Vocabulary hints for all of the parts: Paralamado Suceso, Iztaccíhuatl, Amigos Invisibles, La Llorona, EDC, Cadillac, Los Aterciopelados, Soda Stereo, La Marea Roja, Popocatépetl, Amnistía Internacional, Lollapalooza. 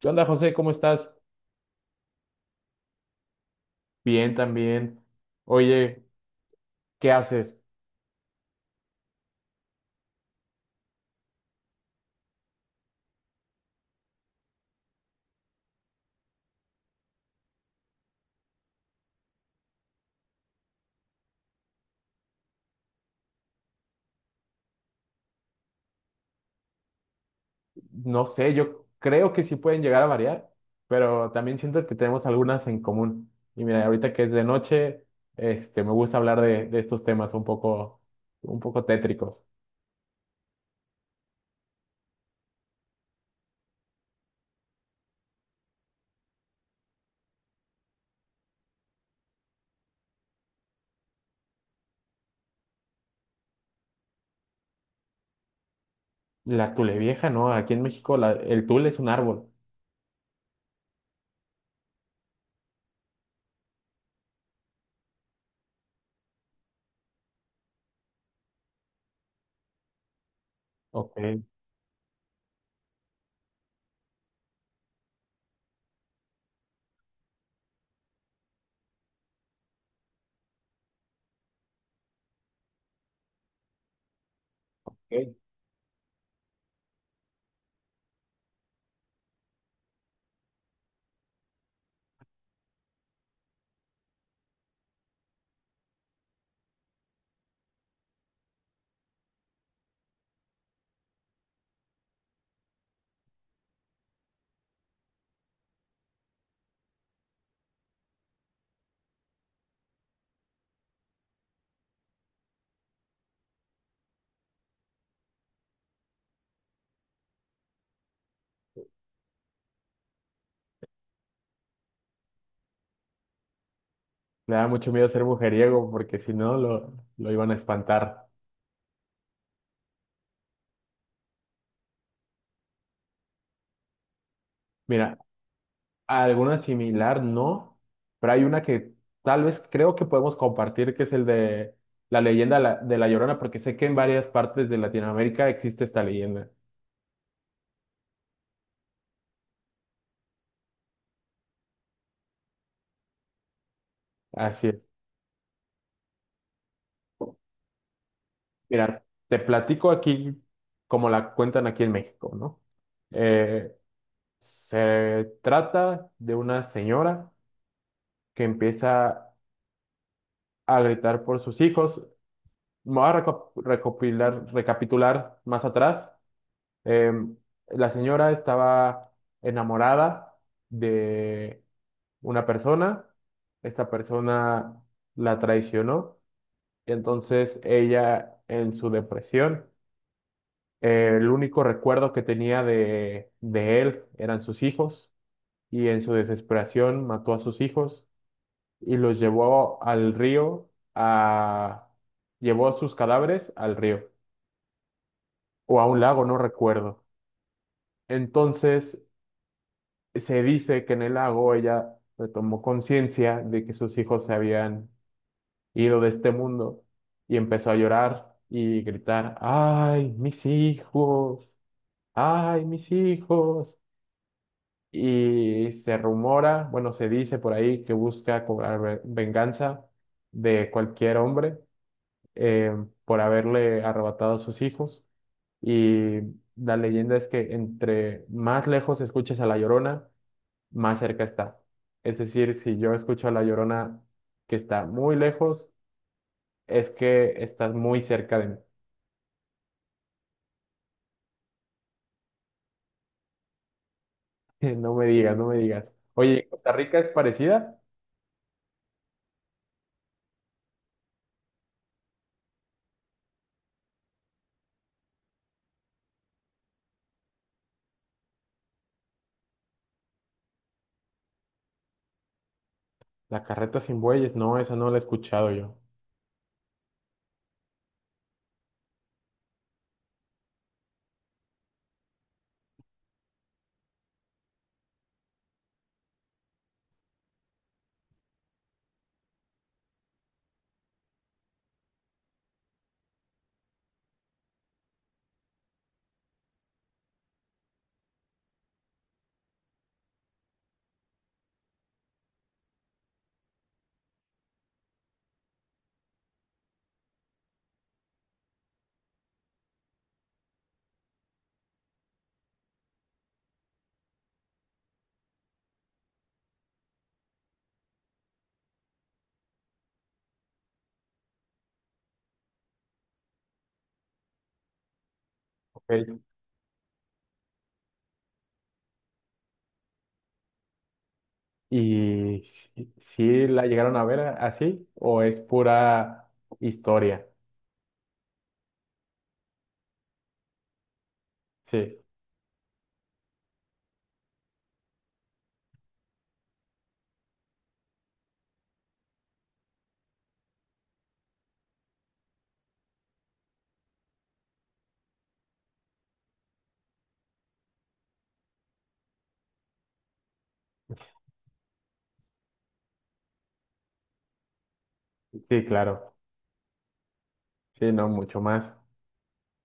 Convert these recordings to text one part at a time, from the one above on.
¿Qué onda, José? ¿Cómo estás? Bien, también. Oye, ¿qué haces? No sé, yo creo que sí pueden llegar a variar, pero también siento que tenemos algunas en común. Y mira, ahorita que es de noche, este, me gusta hablar de estos temas un poco tétricos. La tule vieja, ¿no? Aquí en México el tule es un árbol. Ok. Ok. Le da mucho miedo ser mujeriego porque si no lo iban a espantar. Mira, alguna similar, no, pero hay una que tal vez creo que podemos compartir, que es el de la leyenda de La Llorona, porque sé que en varias partes de Latinoamérica existe esta leyenda. Así es. Mira, te platico aquí como la cuentan aquí en México, ¿no? Eh, Se trata de una señora que empieza a gritar por sus hijos. Me voy a recopilar, recapitular más atrás. Em, la señora estaba enamorada de una persona. Esta persona la traicionó, entonces ella en su depresión, el único recuerdo que tenía de él eran sus hijos, y en su desesperación mató a sus hijos y los llevó al río a... llevó sus cadáveres al río o a un lago, no recuerdo. Entonces, se dice que en el lago ella tomó conciencia de que sus hijos se habían ido de este mundo y empezó a llorar y gritar: ¡ay, mis hijos! ¡Ay, mis hijos! Y se rumora, bueno, se dice por ahí que busca cobrar venganza de cualquier hombre eh, por haberle arrebatado a sus hijos. Y la leyenda es que entre más lejos escuches a La Llorona, más cerca está. Es decir, si yo escucho a La Llorona que está muy lejos, es que estás muy cerca de mí. No me digas, no me digas. Oye, ¿en ¿Costa Rica es parecida? La carreta sin bueyes, no, esa no la he escuchado yo. Ok. ¿Y si, si la llegaron a ver así o es pura historia? Sí, sí, claro. Sí, no, mucho más.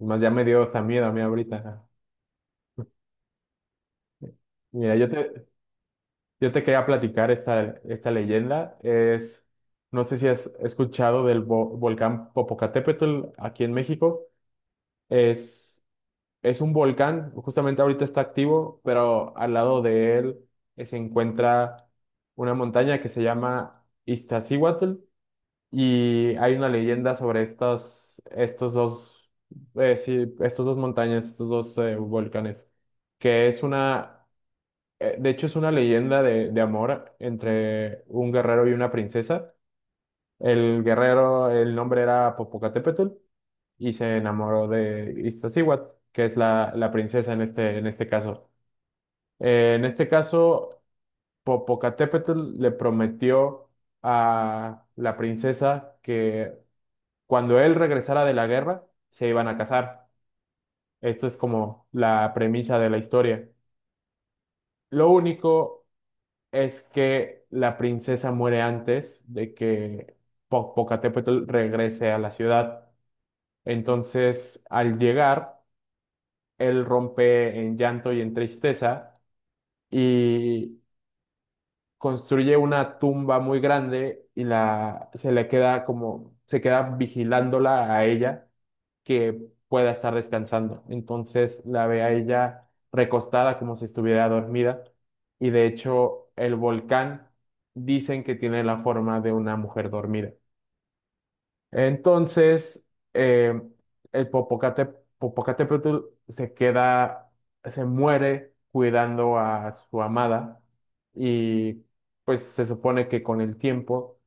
Más ya me dio hasta miedo a mí ahorita. Mira, yo te quería platicar esta, esta leyenda. Es, no sé si has escuchado del volcán Popocatépetl aquí en México. Es, es un volcán, justamente ahorita está activo, pero al lado de él se encuentra una montaña que se llama Iztaccíhuatl, y hay una leyenda sobre estas, estos dos, sí, estos dos montañas, estos dos volcanes, que es una De hecho, es una leyenda de amor entre un guerrero y una princesa. El guerrero, el nombre era Popocatépetl, y se enamoró de Iztaccíhuatl, que es la, la princesa en este caso. En este caso, Popocatépetl le prometió a la princesa que cuando él regresara de la guerra, se iban a casar. Esta es como la premisa de la historia. Lo único es que la princesa muere antes de que Popocatépetl regrese a la ciudad. Entonces, al llegar, él rompe en llanto y en tristeza y construye una tumba muy grande, y la se le queda, como se queda vigilándola a ella que pueda estar descansando. Entonces la ve a ella recostada como si estuviera dormida, y de hecho el volcán dicen que tiene la forma de una mujer dormida. Entonces eh, el Popocate, Popocatépetl se queda, se muere cuidando a su amada, y pues se supone que con el tiempo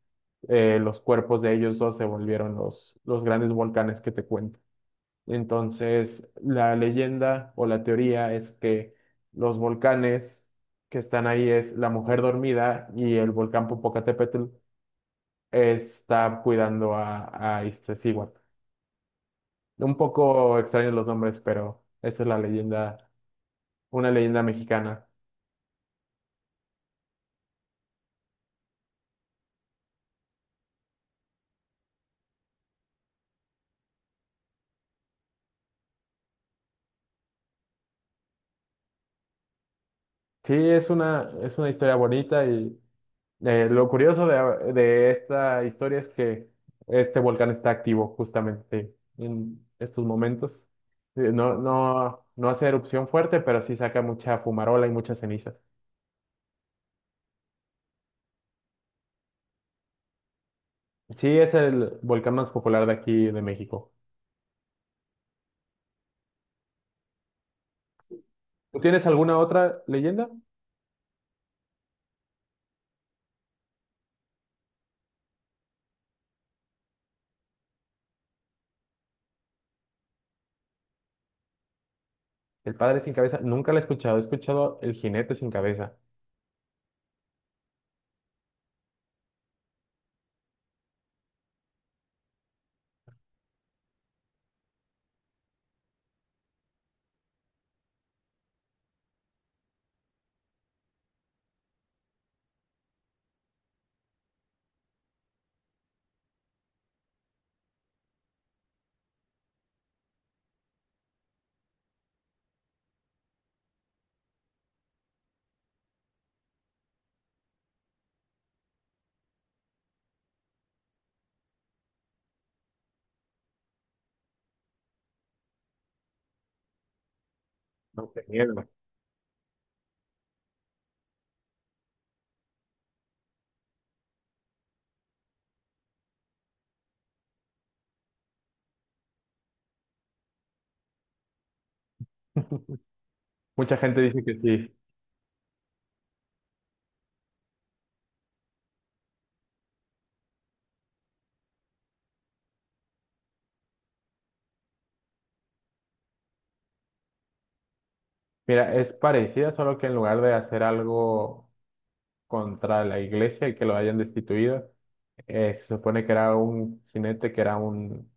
los cuerpos de ellos dos se volvieron los grandes volcanes que te cuento. Entonces, la leyenda o la teoría es que los volcanes que están ahí es la mujer dormida y el volcán Popocatépetl está cuidando a Iztaccíhuatl. Un poco extraños los nombres, pero esta es la leyenda, una leyenda mexicana. Sí, es una historia bonita. Y lo curioso de esta historia es que este volcán está activo justamente en estos momentos. No, no, no hace erupción fuerte, pero sí saca mucha fumarola y muchas cenizas. Sí, es el volcán más popular de aquí de México. ¿Tú tienes alguna otra leyenda? El padre sin cabeza. Nunca la he escuchado. He escuchado el jinete sin cabeza. No te niego. Mucha gente dice que sí. Mira, es parecida, solo que en lugar de hacer algo contra la iglesia y que lo hayan destituido. Se supone que era un jinete, que era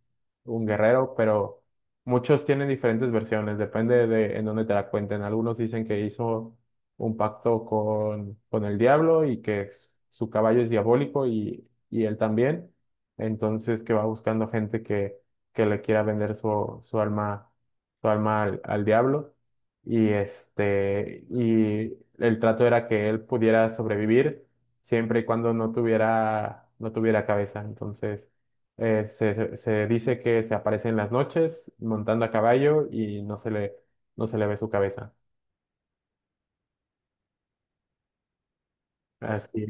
un guerrero, pero muchos tienen diferentes versiones, depende de en dónde te la cuenten. Algunos dicen que hizo un pacto con el diablo, y que su caballo es diabólico, y él también. Entonces que va buscando gente que le quiera vender su, su alma al al diablo, y este, y el trato era que él pudiera sobrevivir siempre y cuando no tuviera, no tuviera cabeza. Entonces, se dice que se aparece en las noches montando a caballo, y no se le, no se le ve su cabeza. Así,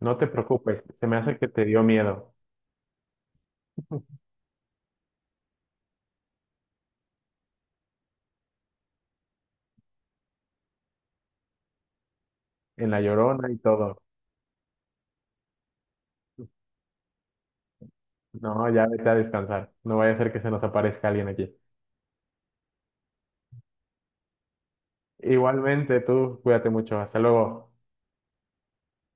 no te preocupes, se me hace que te dio miedo en La Llorona y todo. No, ya vete a descansar. No vaya a ser que se nos aparezca alguien aquí. Igualmente, tú cuídate mucho. Hasta luego.